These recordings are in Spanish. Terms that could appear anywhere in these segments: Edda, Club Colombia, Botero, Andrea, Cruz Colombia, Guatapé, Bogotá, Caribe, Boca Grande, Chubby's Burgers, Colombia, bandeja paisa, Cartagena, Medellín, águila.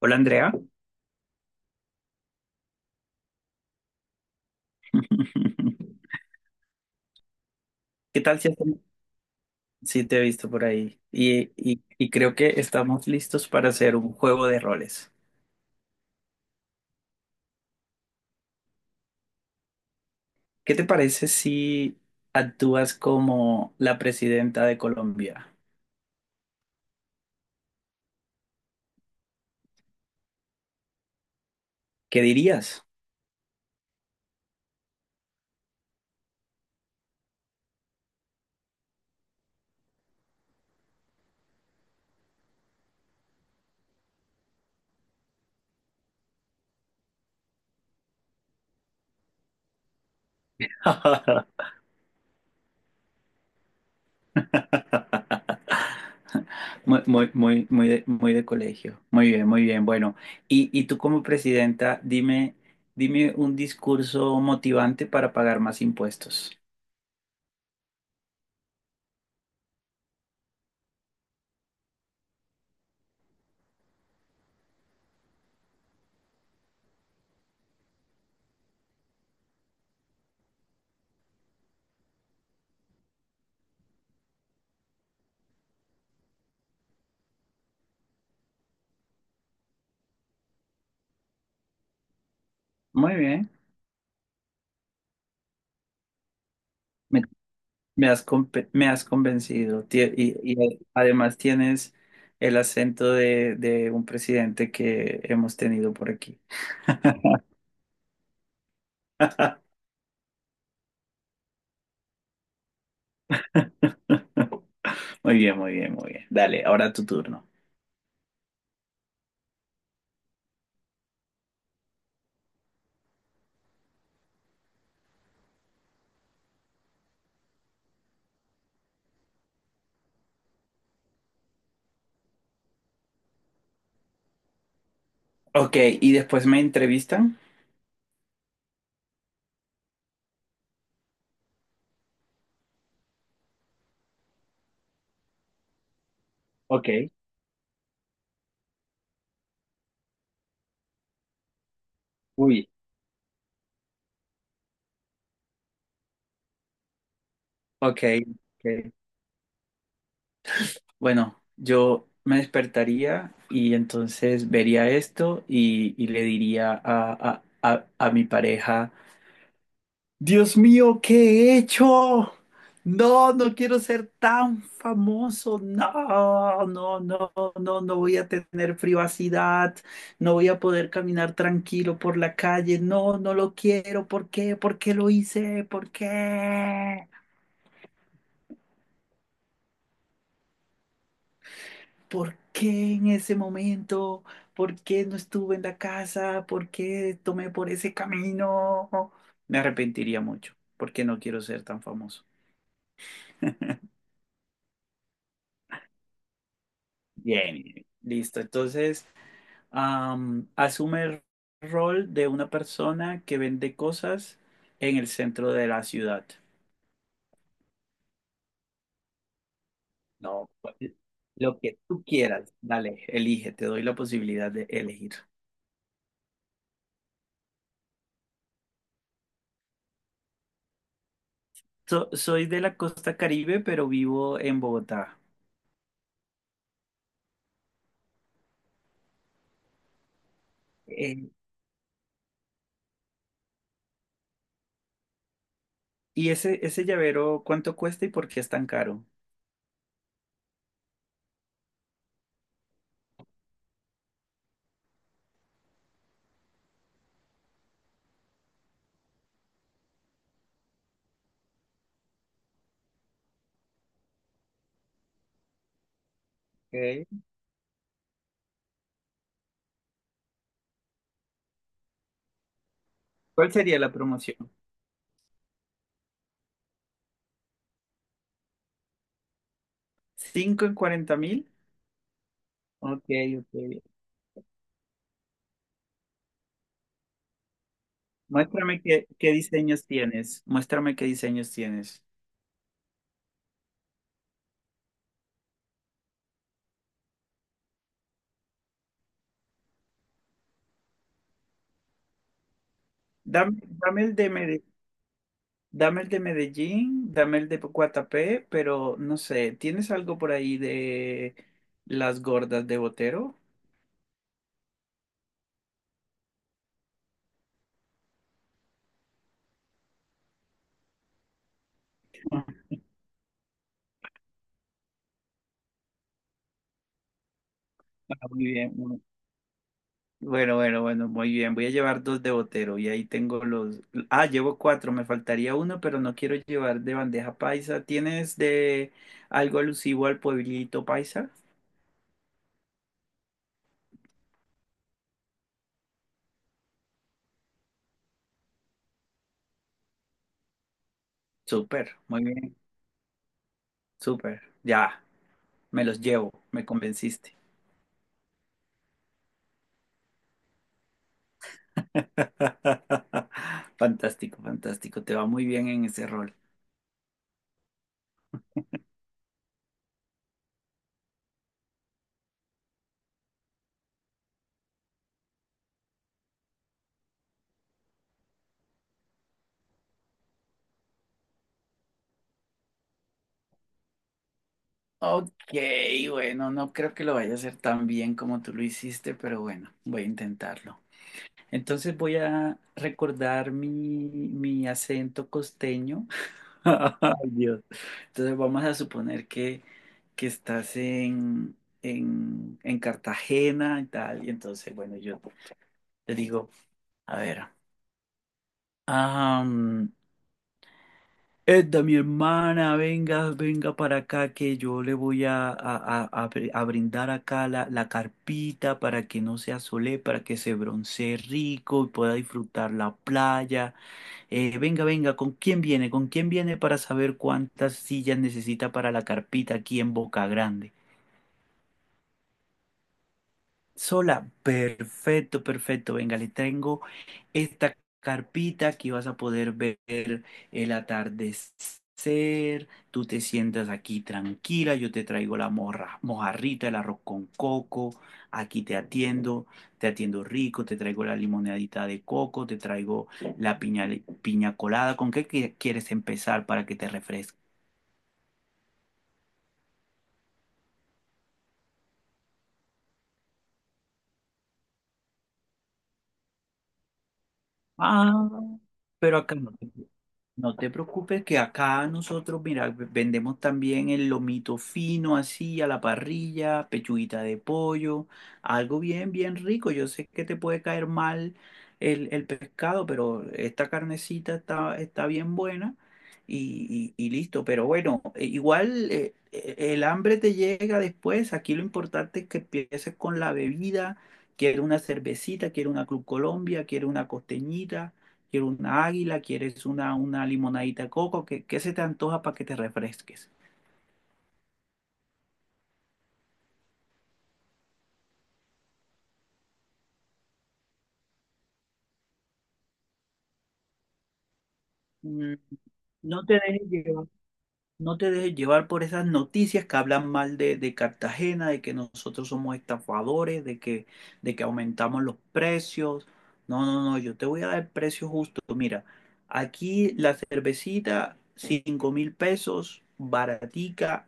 Hola Andrea, ¿qué tal si te he visto por ahí? Y creo que estamos listos para hacer un juego de roles. ¿Qué te parece si actúas como la presidenta de Colombia? ¿Qué dirías? Muy, muy, muy, muy de colegio. Muy bien, muy bien. Bueno, y tú como presidenta, dime un discurso motivante para pagar más impuestos. Muy bien. Me has convencido Y además tienes el acento de un presidente que hemos tenido por aquí. Muy bien, muy bien, muy bien. Dale, ahora tu turno. Ok, y después me entrevistan. Ok, uy, ok, ok. Bueno, yo me despertaría y entonces vería esto y le diría a mi pareja. Dios mío, ¿qué he hecho? No, no quiero ser tan famoso. No, no, no, no, no voy a tener privacidad. No voy a poder caminar tranquilo por la calle. No, no lo quiero. ¿Por qué? ¿Por qué lo hice? ¿Por qué? ¿Por qué en ese momento? ¿Por qué no estuve en la casa? ¿Por qué tomé por ese camino? Me arrepentiría mucho porque no quiero ser tan famoso. Bien, listo. Entonces, asume el rol de una persona que vende cosas en el centro de la ciudad. No, pues, lo que tú quieras, dale. Elige, te doy la posibilidad de elegir. Soy de la costa Caribe, pero vivo en Bogotá. Eh, ¿Y ese llavero cuánto cuesta y por qué es tan caro? Ok. ¿Cuál sería la promoción? ¿Cinco en 40.000? Ok, ok. Muéstrame qué diseños tienes. Muéstrame qué diseños tienes. Dame el de Medellín. Dame el de Medellín, dame el de Guatapé, pero no sé, ¿tienes algo por ahí de las gordas de Botero? Ah, muy bien. Bueno, bueno, bueno, muy bien. Voy a llevar dos de Botero y ahí tengo los... Ah, llevo cuatro, me faltaría uno, pero no quiero llevar de bandeja paisa. ¿Tienes de algo alusivo al pueblito paisa? Súper, muy bien. Súper. Ya, me los llevo, me convenciste. Fantástico, fantástico. Te va muy bien en ese rol. Ok, bueno, no creo que lo vaya a hacer tan bien como tú lo hiciste, pero bueno, voy a intentarlo. Entonces voy a recordar mi acento costeño. Ay, Dios. Entonces vamos a suponer que estás en, en Cartagena y tal. Y entonces, bueno, yo te digo, a ver, Edda, mi hermana, venga, venga para acá que yo le voy a brindar acá la carpita para que no se asole, para que se broncee rico y pueda disfrutar la playa. Venga, venga, ¿con quién viene? ¿Con quién viene para saber cuántas sillas necesita para la carpita aquí en Boca Grande? Sola, perfecto, perfecto. Venga, le tengo esta carpita, aquí vas a poder ver el atardecer. Tú te sientas aquí tranquila, yo te traigo la morra, mojarrita, el arroz con coco. Aquí te atiendo rico, te traigo la limonadita de coco, te traigo la piña, piña colada. ¿Con qué quieres empezar para que te refresque? Ah, pero acá no. No te preocupes que acá nosotros, mira, vendemos también el lomito fino así a la parrilla, pechuguita de pollo, algo bien, bien rico. Yo sé que te puede caer mal el pescado, pero esta carnecita está bien buena y listo. Pero bueno, igual el hambre te llega después. Aquí lo importante es que empieces con la bebida. Quiero una cervecita, quiero una Club Colombia, quiero una costeñita. Quiero una águila, quieres una limonadita de coco, ¿qué se te antoja para que te refresques? Mm. No te dejes llevar. No te dejes llevar por esas noticias que hablan mal de Cartagena, de que nosotros somos estafadores, de que aumentamos los precios. No, no, no, yo te voy a dar el precio justo. Mira, aquí la cervecita, 5.000 pesos, baratica.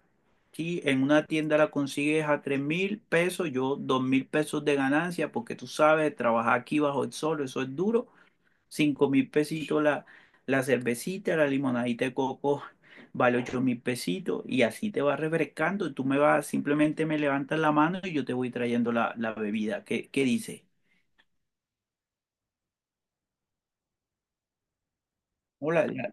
¿Sí? En una tienda la consigues a 3.000 pesos, yo 2.000 pesos de ganancia, porque tú sabes, trabajar aquí bajo el sol, eso es duro. 5.000 pesitos la cervecita, la limonadita de coco vale 8.000 pesitos y así te vas refrescando. Tú me vas, simplemente me levantas la mano y yo te voy trayendo la bebida. ¿Qué dice? Hola, la-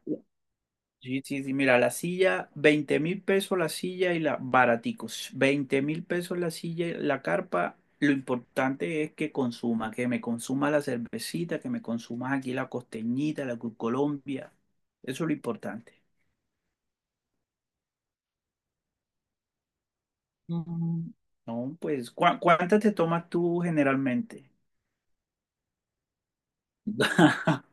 sí, sí, sí, mira, la silla, 20.000 pesos la silla y la baraticos, 20.000 pesos la silla y la carpa. Lo importante es que consuma, que me consuma la cervecita, que me consumas aquí la costeñita, la Cruz Colombia. Eso es lo importante. Mm. No, pues, ¿cuántas te tomas tú generalmente?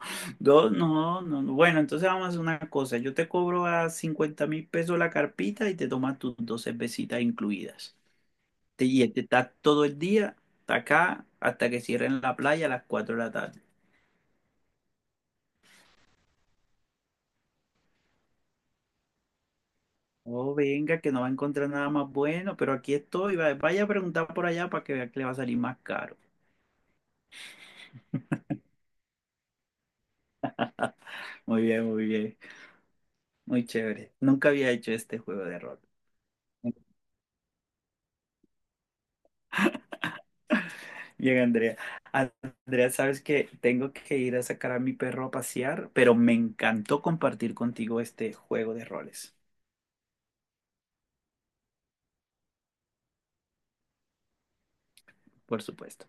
Dos, no, no, no. Bueno, entonces vamos a hacer una cosa. Yo te cobro a 50.000 pesos la carpita y te tomas tus dos cervecitas incluidas. Y te estás todo el día hasta acá hasta que cierren la playa a las 4 de la tarde. Oh, venga, que no va a encontrar nada más bueno, pero aquí estoy. Vaya a preguntar por allá para que vea que le va a salir más caro. Muy bien, muy bien. Muy chévere. Nunca había hecho este juego de rol. Bien, Andrea. Andrea, sabes que tengo que ir a sacar a mi perro a pasear, pero me encantó compartir contigo este juego de roles, por supuesto.